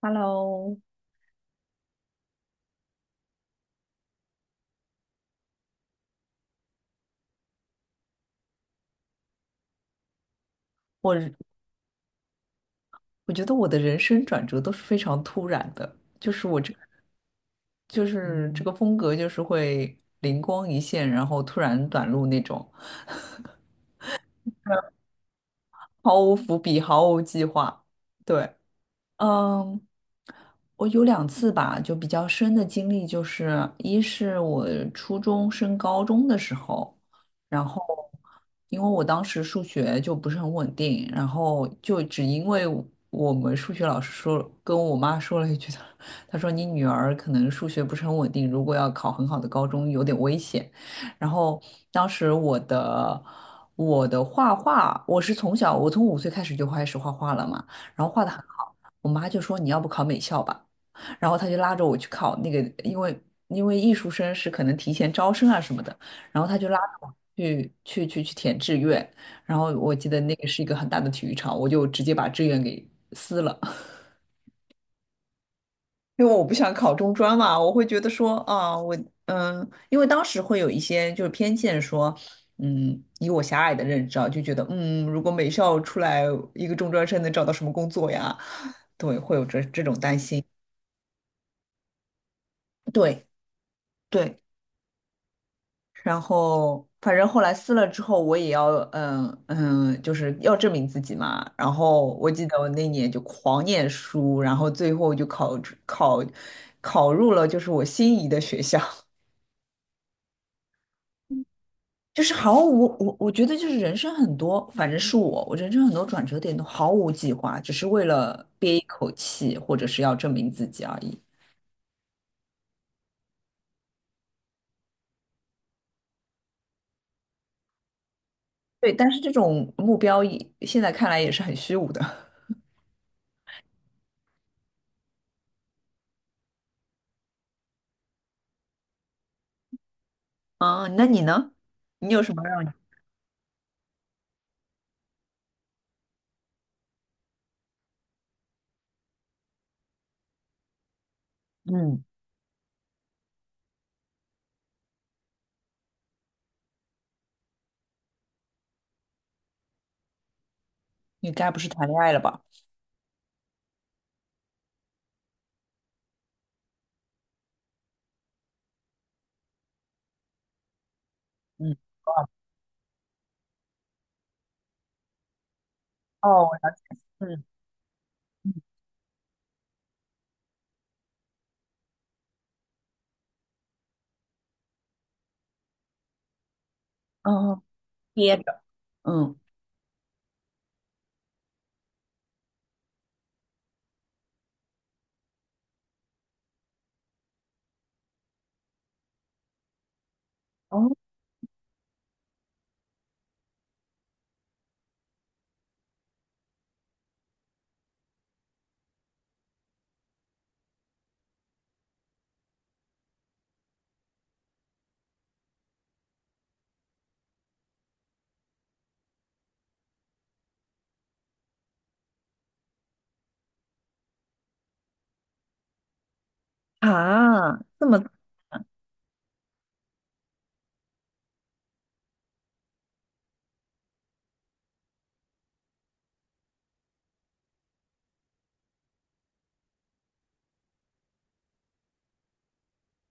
Hello，我觉得我的人生转折都是非常突然的，就是我这，就是这个风格，就是会灵光一现，然后突然短路那种，毫无伏笔，毫无计划。对，嗯，我有2次吧，就比较深的经历，就是一是我初中升高中的时候，然后因为我当时数学就不是很稳定，然后就只因为我们数学老师说跟我妈说了一句，她说你女儿可能数学不是很稳定，如果要考很好的高中有点危险。然后当时我的画画，我是从小我从5岁开始就开始画画了嘛。然后画的很好。我妈就说你要不考美校吧，然后她就拉着我去考那个，因为艺术生是可能提前招生啊什么的，然后她就拉着我去填志愿，然后我记得那个是一个很大的体育场，我就直接把志愿给撕了。因为我不想考中专嘛，我会觉得说啊，因为当时会有一些就是偏见说，嗯，以我狭隘的认知啊，就觉得，如果美校出来一个中专生能找到什么工作呀？对，会有这种担心。对对，然后反正后来撕了之后，我也要，就是要证明自己嘛。然后我记得我那年就狂念书，然后最后就考考入了就是我心仪的学校。就是毫无我我觉得就是人生很多，反正是我，我人生很多转折点都毫无计划，只是为了憋一口气，或者是要证明自己而已。对，但是这种目标也现在看来也是很虚无的。啊，那你呢？你有什么让你嗯，你该不是谈恋爱了吧？嗯，哦，我了解嗯，哦，憋着，嗯，哦啊，这么，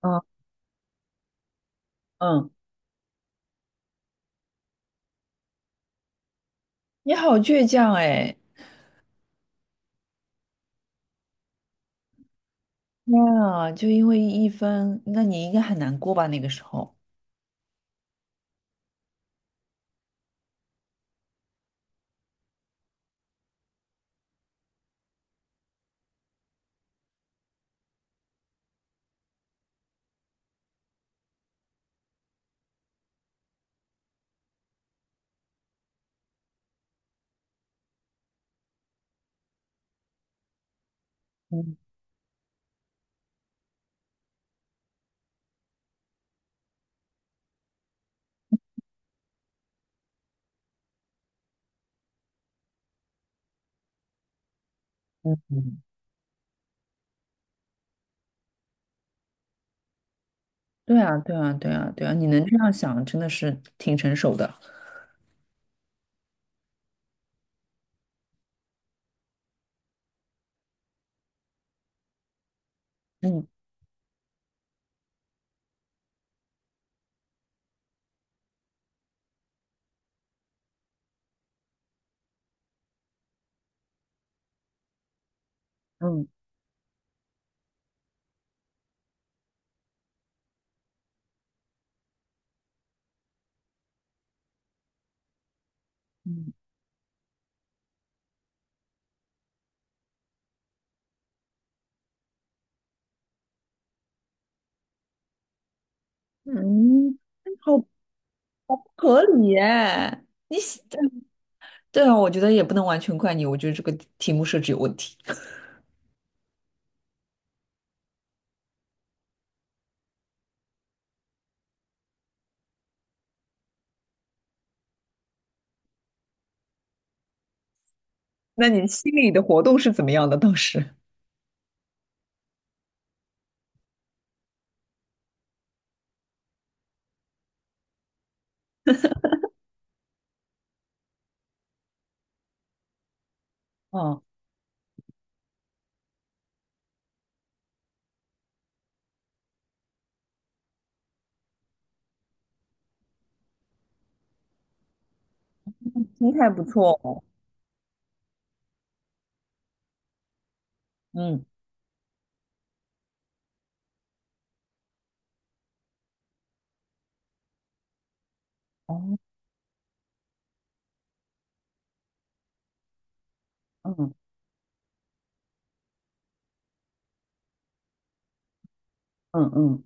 嗯嗯，你好倔强哎，天啊，就因为1分，那你应该很难过吧？那个时候。嗯。对啊，对啊，对啊，对啊，你能这样想，真的是挺成熟的。嗯嗯嗯嗯，哎好好不合理耶！你写 对啊，我觉得也不能完全怪你，我觉得这个题目设置有问题。那你心里的活动是怎么样的？当时？哦，心态不错哦。嗯，哦，嗯嗯嗯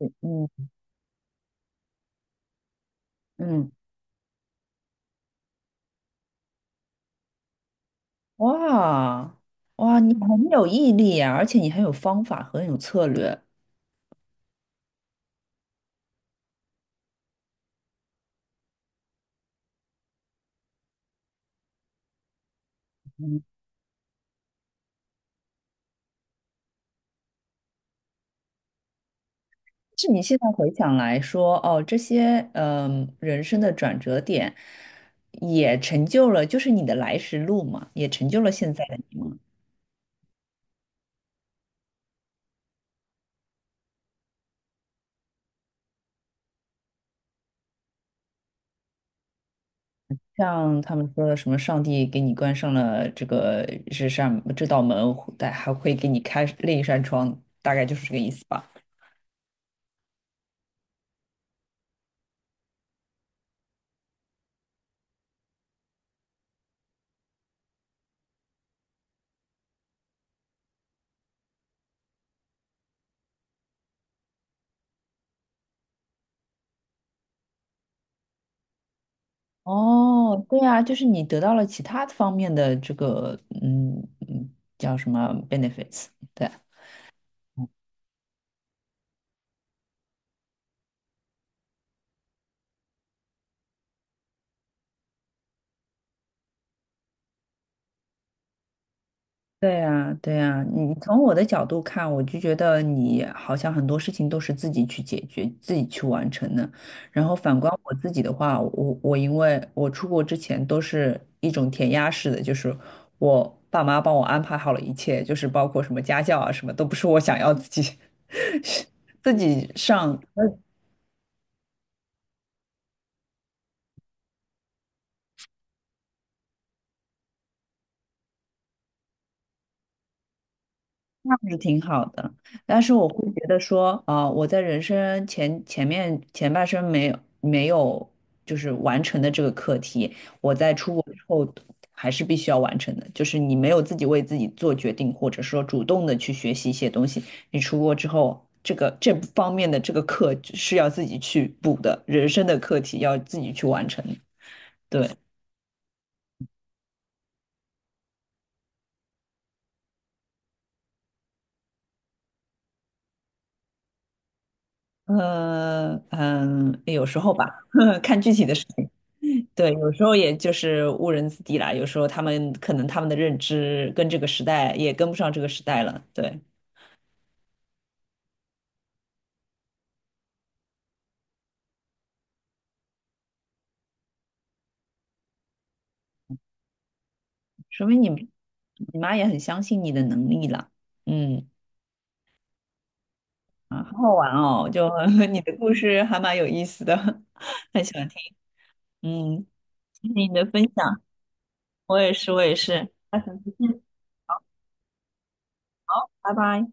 嗯嗯，哇哇，你很有毅力呀，而且你很有方法和很有策略。嗯。是你现在回想来说，哦，这些人生的转折点，也成就了就是你的来时路嘛，也成就了现在的你嘛。像他们说的什么，上帝给你关上了这道门，但还会给你开另一扇窗，大概就是这个意思吧。哦，对啊，就是你得到了其他方面的这个嗯叫什么 benefits，对。对呀，对呀，你从我的角度看，我就觉得你好像很多事情都是自己去解决、自己去完成的。然后反观我自己的话，我因为我出国之前都是一种填鸭式的，就是我爸妈帮我安排好了一切，就是包括什么家教啊，什么都不是我想要自己 自己上。是挺好的，但是我会觉得说，啊，我在人生前半生没有就是完成的这个课题，我在出国之后还是必须要完成的。就是你没有自己为自己做决定，或者说主动的去学习一些东西，你出国之后，这个这方面的这个课是要自己去补的，人生的课题要自己去完成的对，嗯嗯，有时候吧，看具体的事情。对，有时候也就是误人子弟啦。有时候他们可能他们的认知跟这个时代也跟不上这个时代了。对，说明你妈也很相信你的能力啦。嗯，啊，好好玩哦，就 你的故事还蛮有意思的，很喜欢听。嗯，谢谢你的分享，我也是，我也是。拜拜。